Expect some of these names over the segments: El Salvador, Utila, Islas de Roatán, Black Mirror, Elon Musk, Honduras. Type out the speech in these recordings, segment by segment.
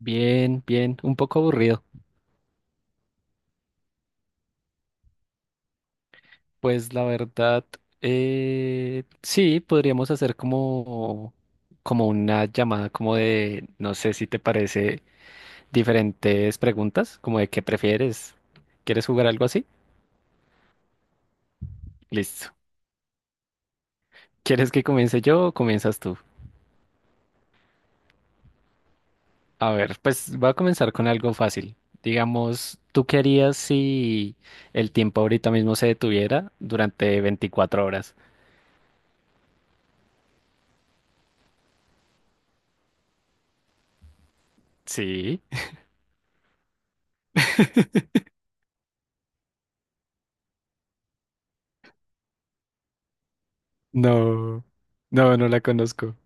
Bien, bien, un poco aburrido. Pues la verdad, sí, podríamos hacer como, como una llamada, como de, no sé si te parece, diferentes preguntas, como de qué prefieres. ¿Quieres jugar algo así? Listo. ¿Quieres que comience yo o comienzas tú? A ver, pues voy a comenzar con algo fácil. Digamos, ¿tú qué harías si el tiempo ahorita mismo se detuviera durante 24 horas? Sí. No, no, no la conozco.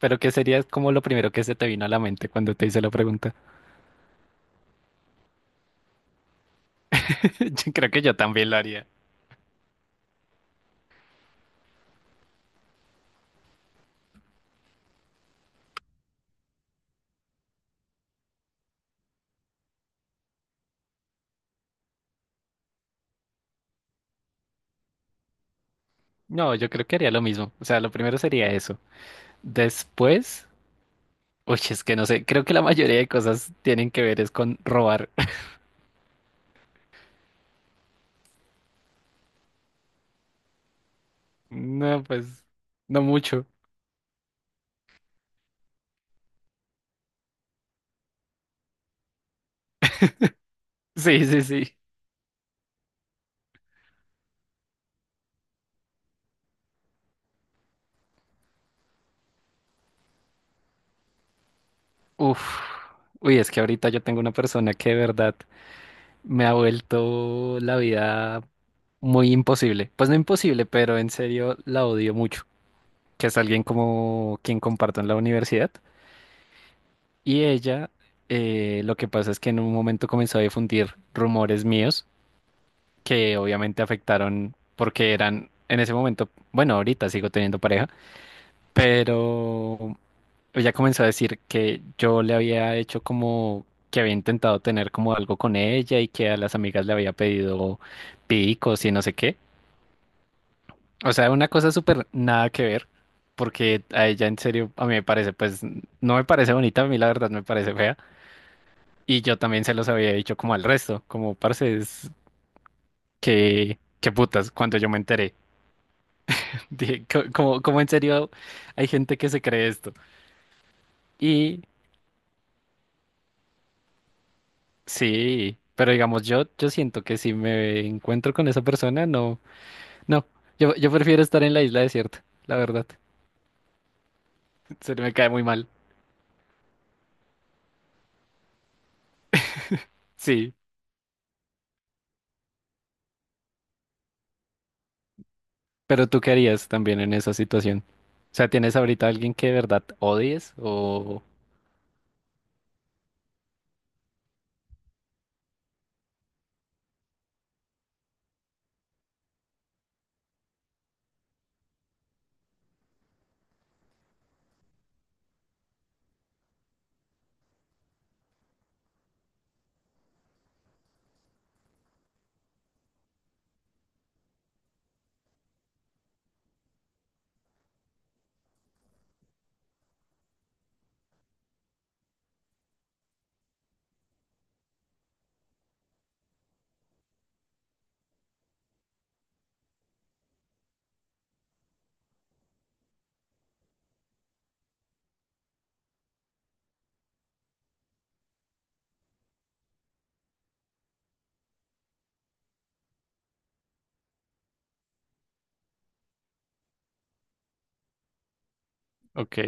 Pero ¿qué sería como lo primero que se te vino a la mente cuando te hice la pregunta? Yo creo que yo también lo haría. No, yo creo que haría lo mismo. O sea, lo primero sería eso. Después, uy, es que no sé, creo que la mayoría de cosas tienen que ver es con robar. No, pues, no mucho. Sí, sí, sí. Uf. Uy, es que ahorita yo tengo una persona que de verdad me ha vuelto la vida muy imposible. Pues no imposible, pero en serio la odio mucho. Que es alguien como quien comparto en la universidad. Y ella, lo que pasa es que en un momento comenzó a difundir rumores míos que obviamente afectaron porque eran en ese momento, bueno, ahorita sigo teniendo pareja, pero ella comenzó a decir que yo le había hecho como que había intentado tener como algo con ella y que a las amigas le había pedido picos y no sé qué. O sea, una cosa súper nada que ver, porque a ella en serio, a mí me parece, pues no me parece bonita, a mí la verdad me parece fea. Y yo también se los había dicho como al resto, como parce, es que, qué putas, cuando yo me enteré. Dije, "Co- cómo como en serio hay gente que se cree esto. Y sí, pero digamos, yo siento que si me encuentro con esa persona, no, no, yo prefiero estar en la isla desierta, la verdad. Se me cae muy mal. Sí, pero tú qué harías también en esa situación. O sea, ¿tienes ahorita alguien que de verdad odies? O, ok.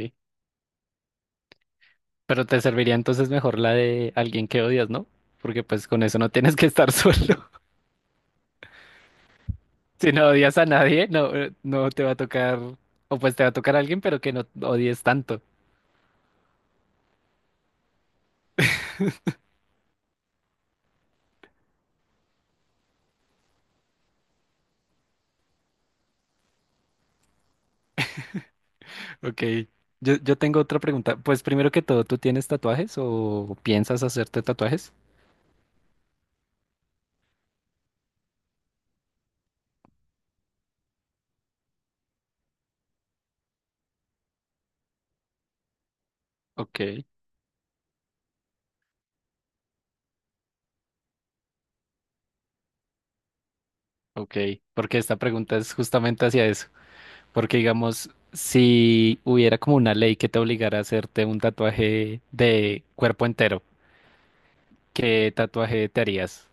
Pero te serviría entonces mejor la de alguien que odias, ¿no? Porque pues con eso no tienes que estar solo. Si no odias a nadie, no, no te va a tocar, o pues te va a tocar a alguien, pero que no odies tanto. Ok. Yo tengo otra pregunta. Pues primero que todo, ¿tú tienes tatuajes o piensas hacerte tatuajes? Ok, ok. Porque esta pregunta es justamente hacia eso. Porque digamos, si hubiera como una ley que te obligara a hacerte un tatuaje de cuerpo entero, ¿qué tatuaje te harías?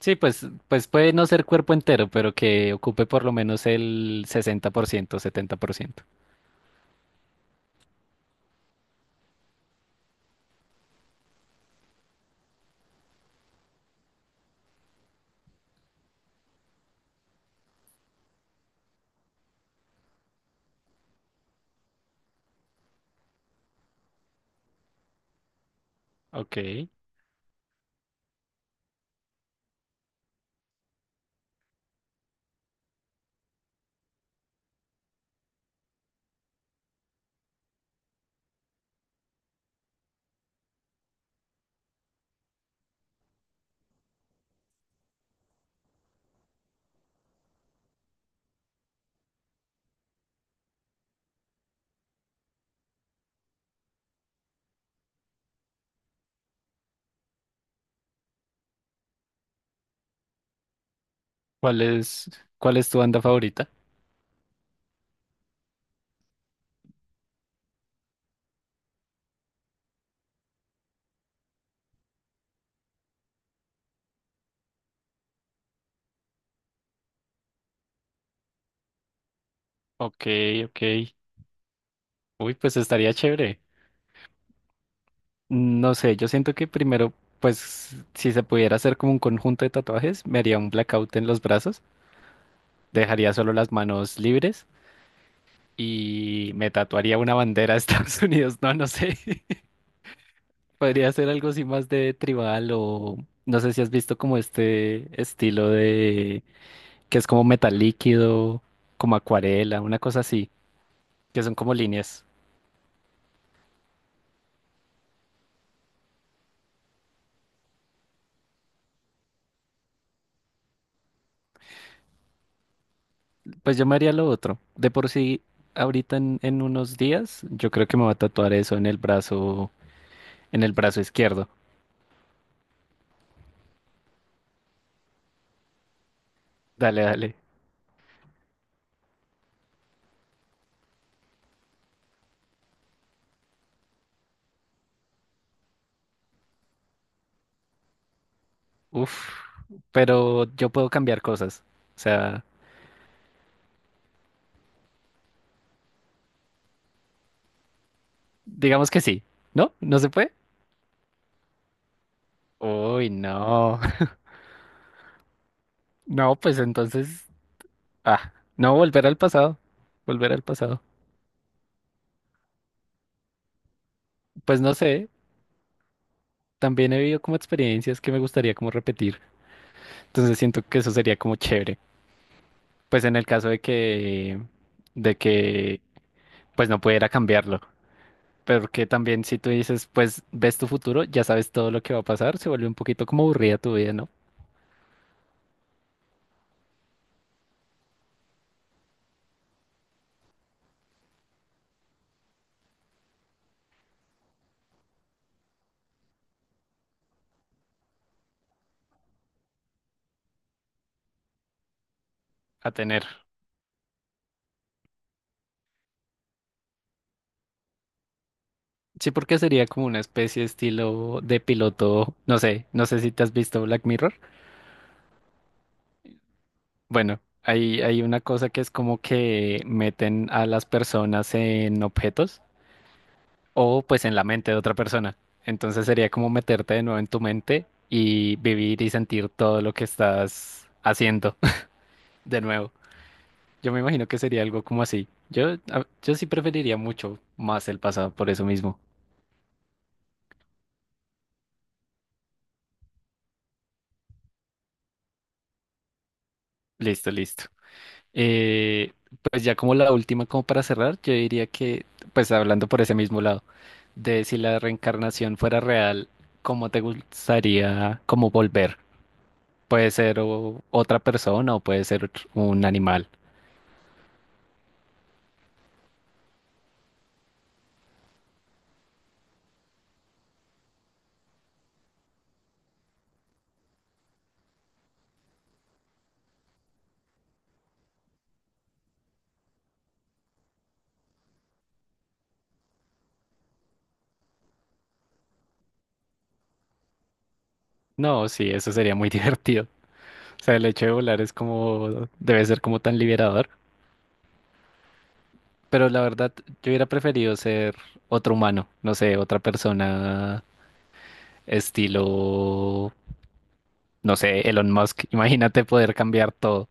Sí, pues, pues puede no ser cuerpo entero, pero que ocupe por lo menos el 60%, 70%. Ok. ¿Cuál es? ¿Cuál es tu banda favorita? Ok, ok. Uy, pues estaría chévere. No sé, yo siento que primero, pues si se pudiera hacer como un conjunto de tatuajes, me haría un blackout en los brazos, dejaría solo las manos libres y me tatuaría una bandera de Estados Unidos. No, no sé. Podría ser algo así más de tribal o no sé si has visto como este estilo de que es como metal líquido, como acuarela, una cosa así, que son como líneas. Pues yo me haría lo otro. De por sí, ahorita en unos días, yo creo que me va a tatuar eso en el brazo izquierdo. Dale, dale. Uf, pero yo puedo cambiar cosas. O sea, digamos que sí. ¿No? ¿No se puede? Uy, no. No, pues entonces ah, no, volver al pasado, volver al pasado. Pues no sé, también he vivido como experiencias que me gustaría como repetir. Entonces siento que eso sería como chévere. Pues en el caso de que, pues no pudiera cambiarlo. Porque también si tú dices, pues ves tu futuro, ya sabes todo lo que va a pasar, se vuelve un poquito como aburrida tu vida, ¿no? A tener. Sí, porque sería como una especie estilo de piloto, no sé, no sé si te has visto Black Mirror. Bueno, hay una cosa que es como que meten a las personas en objetos o pues en la mente de otra persona. Entonces sería como meterte de nuevo en tu mente y vivir y sentir todo lo que estás haciendo de nuevo. Yo me imagino que sería algo como así. Yo, a- yo sí preferiría mucho más el pasado por eso mismo. Listo, listo. Eh, pues ya como la última, como para cerrar, yo diría que, pues hablando por ese mismo lado, de si la reencarnación fuera real, ¿cómo te gustaría como volver? Puede ser o- otra persona o puede ser otro- un animal. No, sí, eso sería muy divertido. O sea, el hecho de volar es como, debe ser como tan liberador. Pero la verdad, yo hubiera preferido ser otro humano, no sé, otra persona estilo, no sé, Elon Musk. Imagínate poder cambiar todo.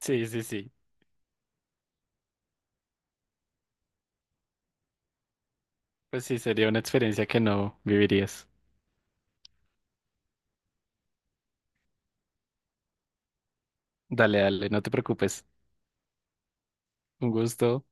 Sí, sí, sí. Pues sí, sería una experiencia que no vivirías. Dale, dale, no te preocupes. Un gusto.